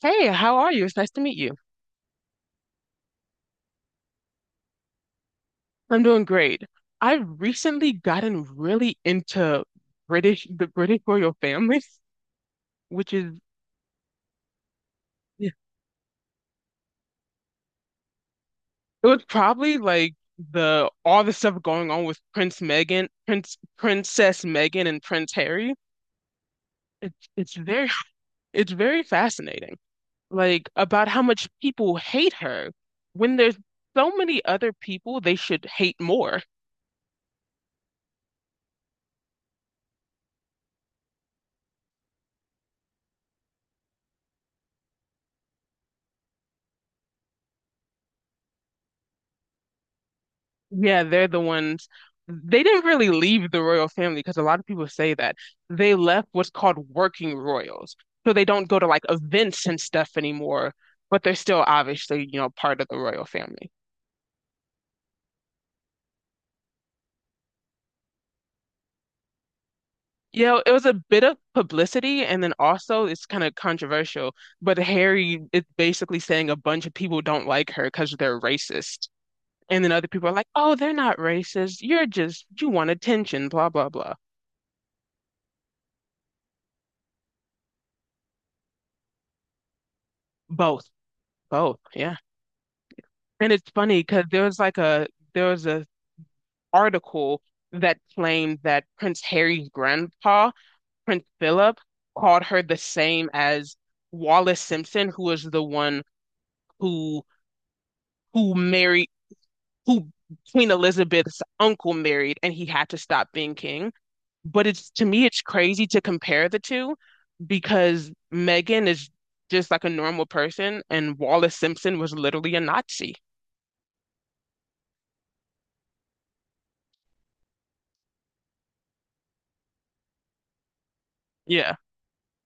Hey, how are you? It's nice to meet you. I'm doing great. I've recently gotten really into the British royal family, which is, Yeah. it was probably like the all the stuff going on with Princess Meghan and Prince Harry. It's very it's very fascinating. Like about how much people hate her when there's so many other people they should hate more. Yeah, they're the ones. They didn't really leave the royal family because a lot of people say that. They left what's called working royals. So they don't go to like events and stuff anymore, but they're still obviously, part of the royal family. You know, it was a bit of publicity, and then also it's kind of controversial, but Harry is basically saying a bunch of people don't like her because they're racist. And then other people are like, oh, they're not racist. You want attention, blah, blah, blah. Both, both, yeah. And it's funny because there was a article that claimed that Prince Harry's grandpa, Prince Philip, called her the same as Wallace Simpson, who was the one who who married who Queen Elizabeth's uncle married, and he had to stop being king. But it's to me, it's crazy to compare the two because Meghan is just like a normal person, and Wallace Simpson was literally a Nazi. Yeah,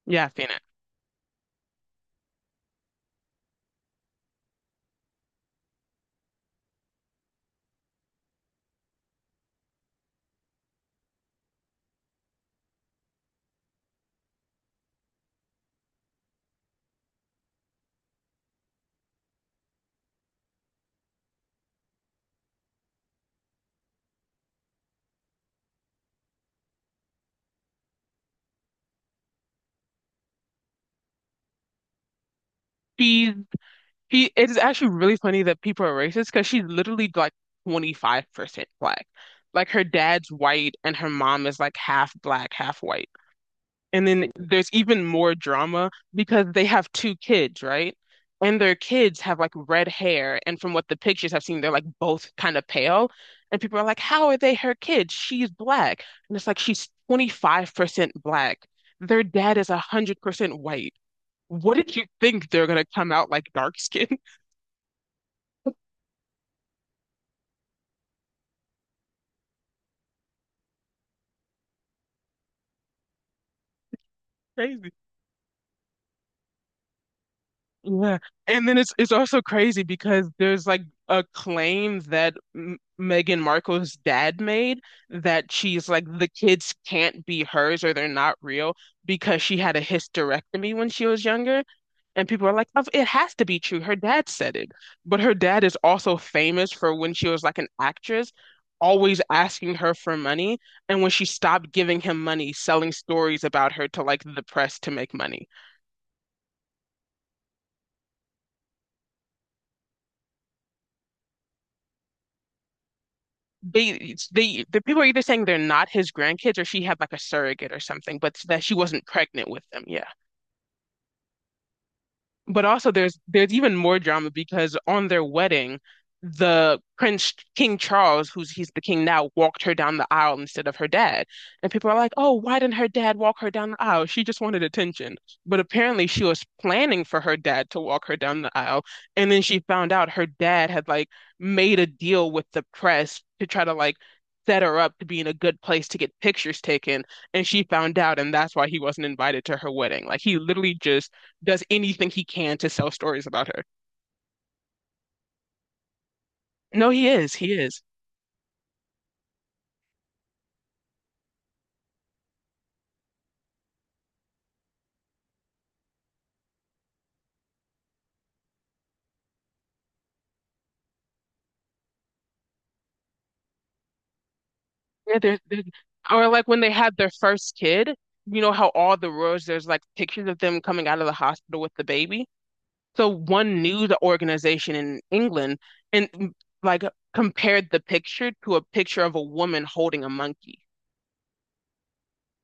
yeah, I've seen it. She's She it is actually really funny that people are racist because she's literally like 25% black. Like her dad's white and her mom is like half black, half white. And then there's even more drama because they have two kids, right? And their kids have like red hair. And from what the pictures I have seen, they're like both kind of pale. And people are like, how are they her kids? She's black. And it's like she's 25% black. Their dad is 100% white. What did you think they're gonna come out like dark skin? Crazy. Yeah. And then it's also crazy because there's like a claim that M Meghan Markle's dad made that she's like the kids can't be hers or they're not real because she had a hysterectomy when she was younger. And people are like, "Oh, it has to be true. Her dad said it." But her dad is also famous for, when she was like an actress, always asking her for money. And when she stopped giving him money, selling stories about her to like the press to make money. The people are either saying they're not his grandkids or she had like a surrogate or something, but that she wasn't pregnant with them. Yeah. But also there's even more drama because on their wedding, the Prince King Charles, who's he's the king now, walked her down the aisle instead of her dad. And people are like, "Oh, why didn't her dad walk her down the aisle? She just wanted attention." But apparently she was planning for her dad to walk her down the aisle, and then she found out her dad had like made a deal with the press to try to like set her up to be in a good place to get pictures taken, and she found out, and that's why he wasn't invited to her wedding. Like he literally just does anything he can to sell stories about her. No, he is. He is. There's, or like when they had their first kid, you know how all the roads there's like pictures of them coming out of the hospital with the baby. So one news organization in England and mm, like compared the picture to a picture of a woman holding a monkey.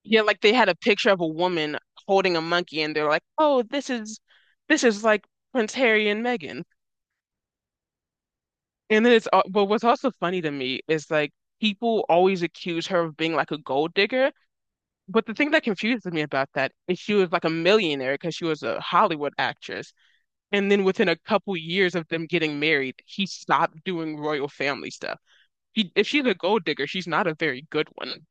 Yeah, like they had a picture of a woman holding a monkey and they're like, "Oh, this is like Prince Harry and Meghan." And then but what's also funny to me is like people always accuse her of being like a gold digger. But the thing that confuses me about that is she was like a millionaire because she was a Hollywood actress. And then within a couple years of them getting married, he stopped doing royal family stuff. If she's a gold digger, she's not a very good one.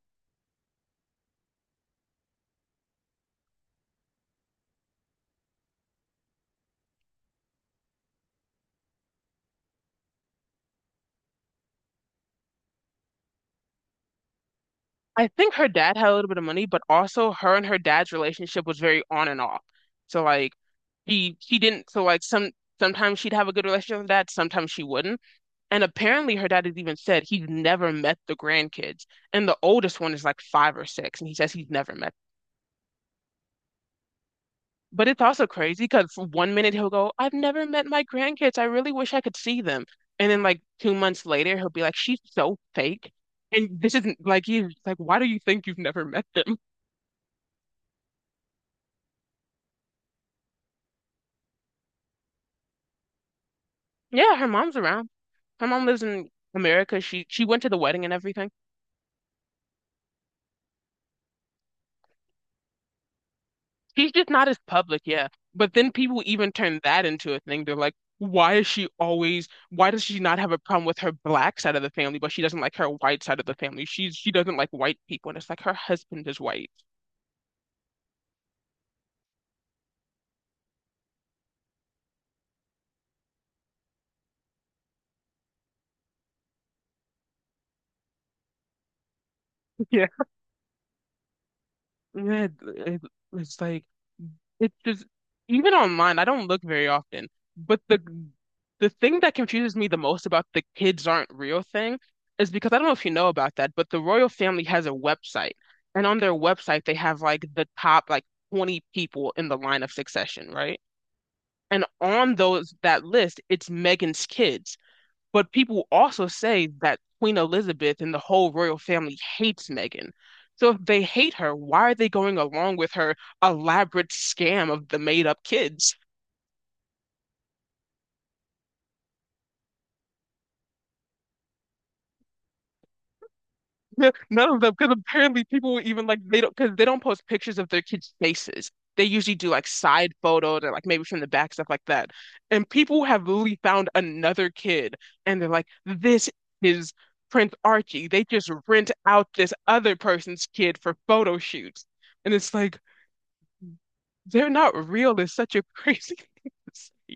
I think her dad had a little bit of money, but also her and her dad's relationship was very on and off. So like he didn't so like some sometimes she'd have a good relationship with her dad, sometimes she wouldn't. And apparently, her dad has even said he's never met the grandkids. And the oldest one is like five or six, and he says he's never met. But it's also crazy because for one minute he'll go, I've never met my grandkids. I really wish I could see them. And then, like, 2 months later, he'll be like, She's so fake. And this isn't like, he's like, Why do you think you've never met them? Yeah, her mom's around. Her mom lives in America. She went to the wedding and everything. He's just not as public, yeah. But then people even turn that into a thing. They're like, why does she not have a problem with her black side of the family, but she doesn't like her white side of the family? She doesn't like white people, and it's like her husband is white. Yeah. Yeah, it- it's like It's just Even online, I don't look very often. But the thing that confuses me the most about the kids aren't real thing is because I don't know if you know about that, but the royal family has a website. And on their website they have like the top like 20 people in the line of succession, right? And on those that list, it's Meghan's kids. But people also say that Queen Elizabeth and the whole royal family hates Meghan. So if they hate her, why are they going along with her elaborate scam of the made-up kids? None of them, because apparently people even like they don't, because they don't post pictures of their kids' faces. They usually do like side photos and like maybe from the back, stuff like that. And people have literally found another kid and they're like, this is Prince Archie. They just rent out this other person's kid for photo shoots. And it's like, they're not real. It's such a crazy thing to say.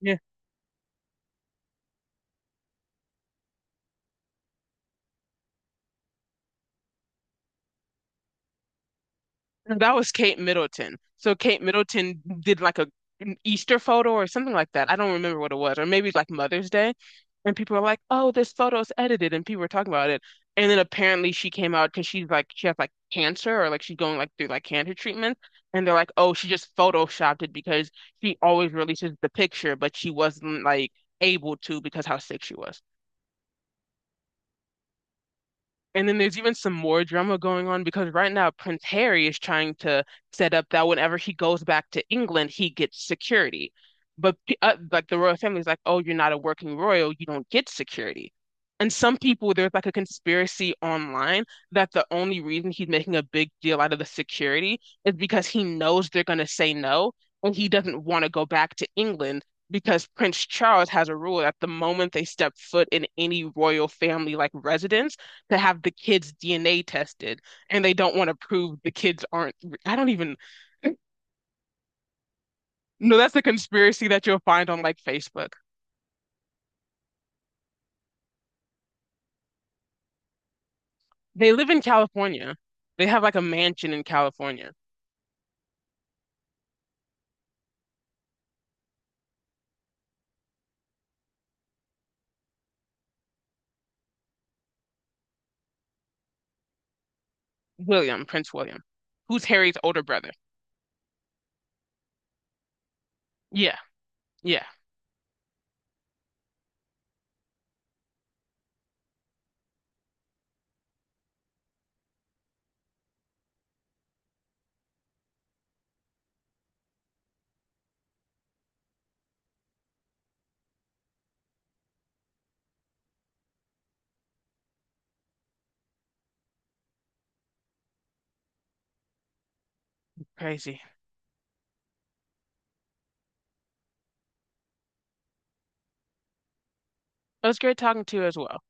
Yeah. And that was Kate Middleton. So Kate Middleton did like a an Easter photo or something like that. I don't remember what it was, or maybe like Mother's Day. And people were like, "Oh, this photo's edited," and people were talking about it. And then apparently she came out because she has like cancer or like she's going like through like cancer treatment. And they're like, "Oh, she just photoshopped it because she always releases the picture, but she wasn't like able to because how sick she was." And then there's even some more drama going on because right now Prince Harry is trying to set up that whenever he goes back to England, he gets security. But like the royal family is like, oh, you're not a working royal, you don't get security. And some people, there's like a conspiracy online that the only reason he's making a big deal out of the security is because he knows they're going to say no, and he doesn't want to go back to England because Prince Charles has a rule that the moment they step foot in any royal family like residence, to have the kids' DNA tested, and they don't want to prove the kids aren't. I don't even. No, that's a conspiracy that you'll find on like Facebook. They live in California. They have like a mansion in California. William, Prince William, who's Harry's older brother. Yeah, yeah, crazy. It was great talking to you as well.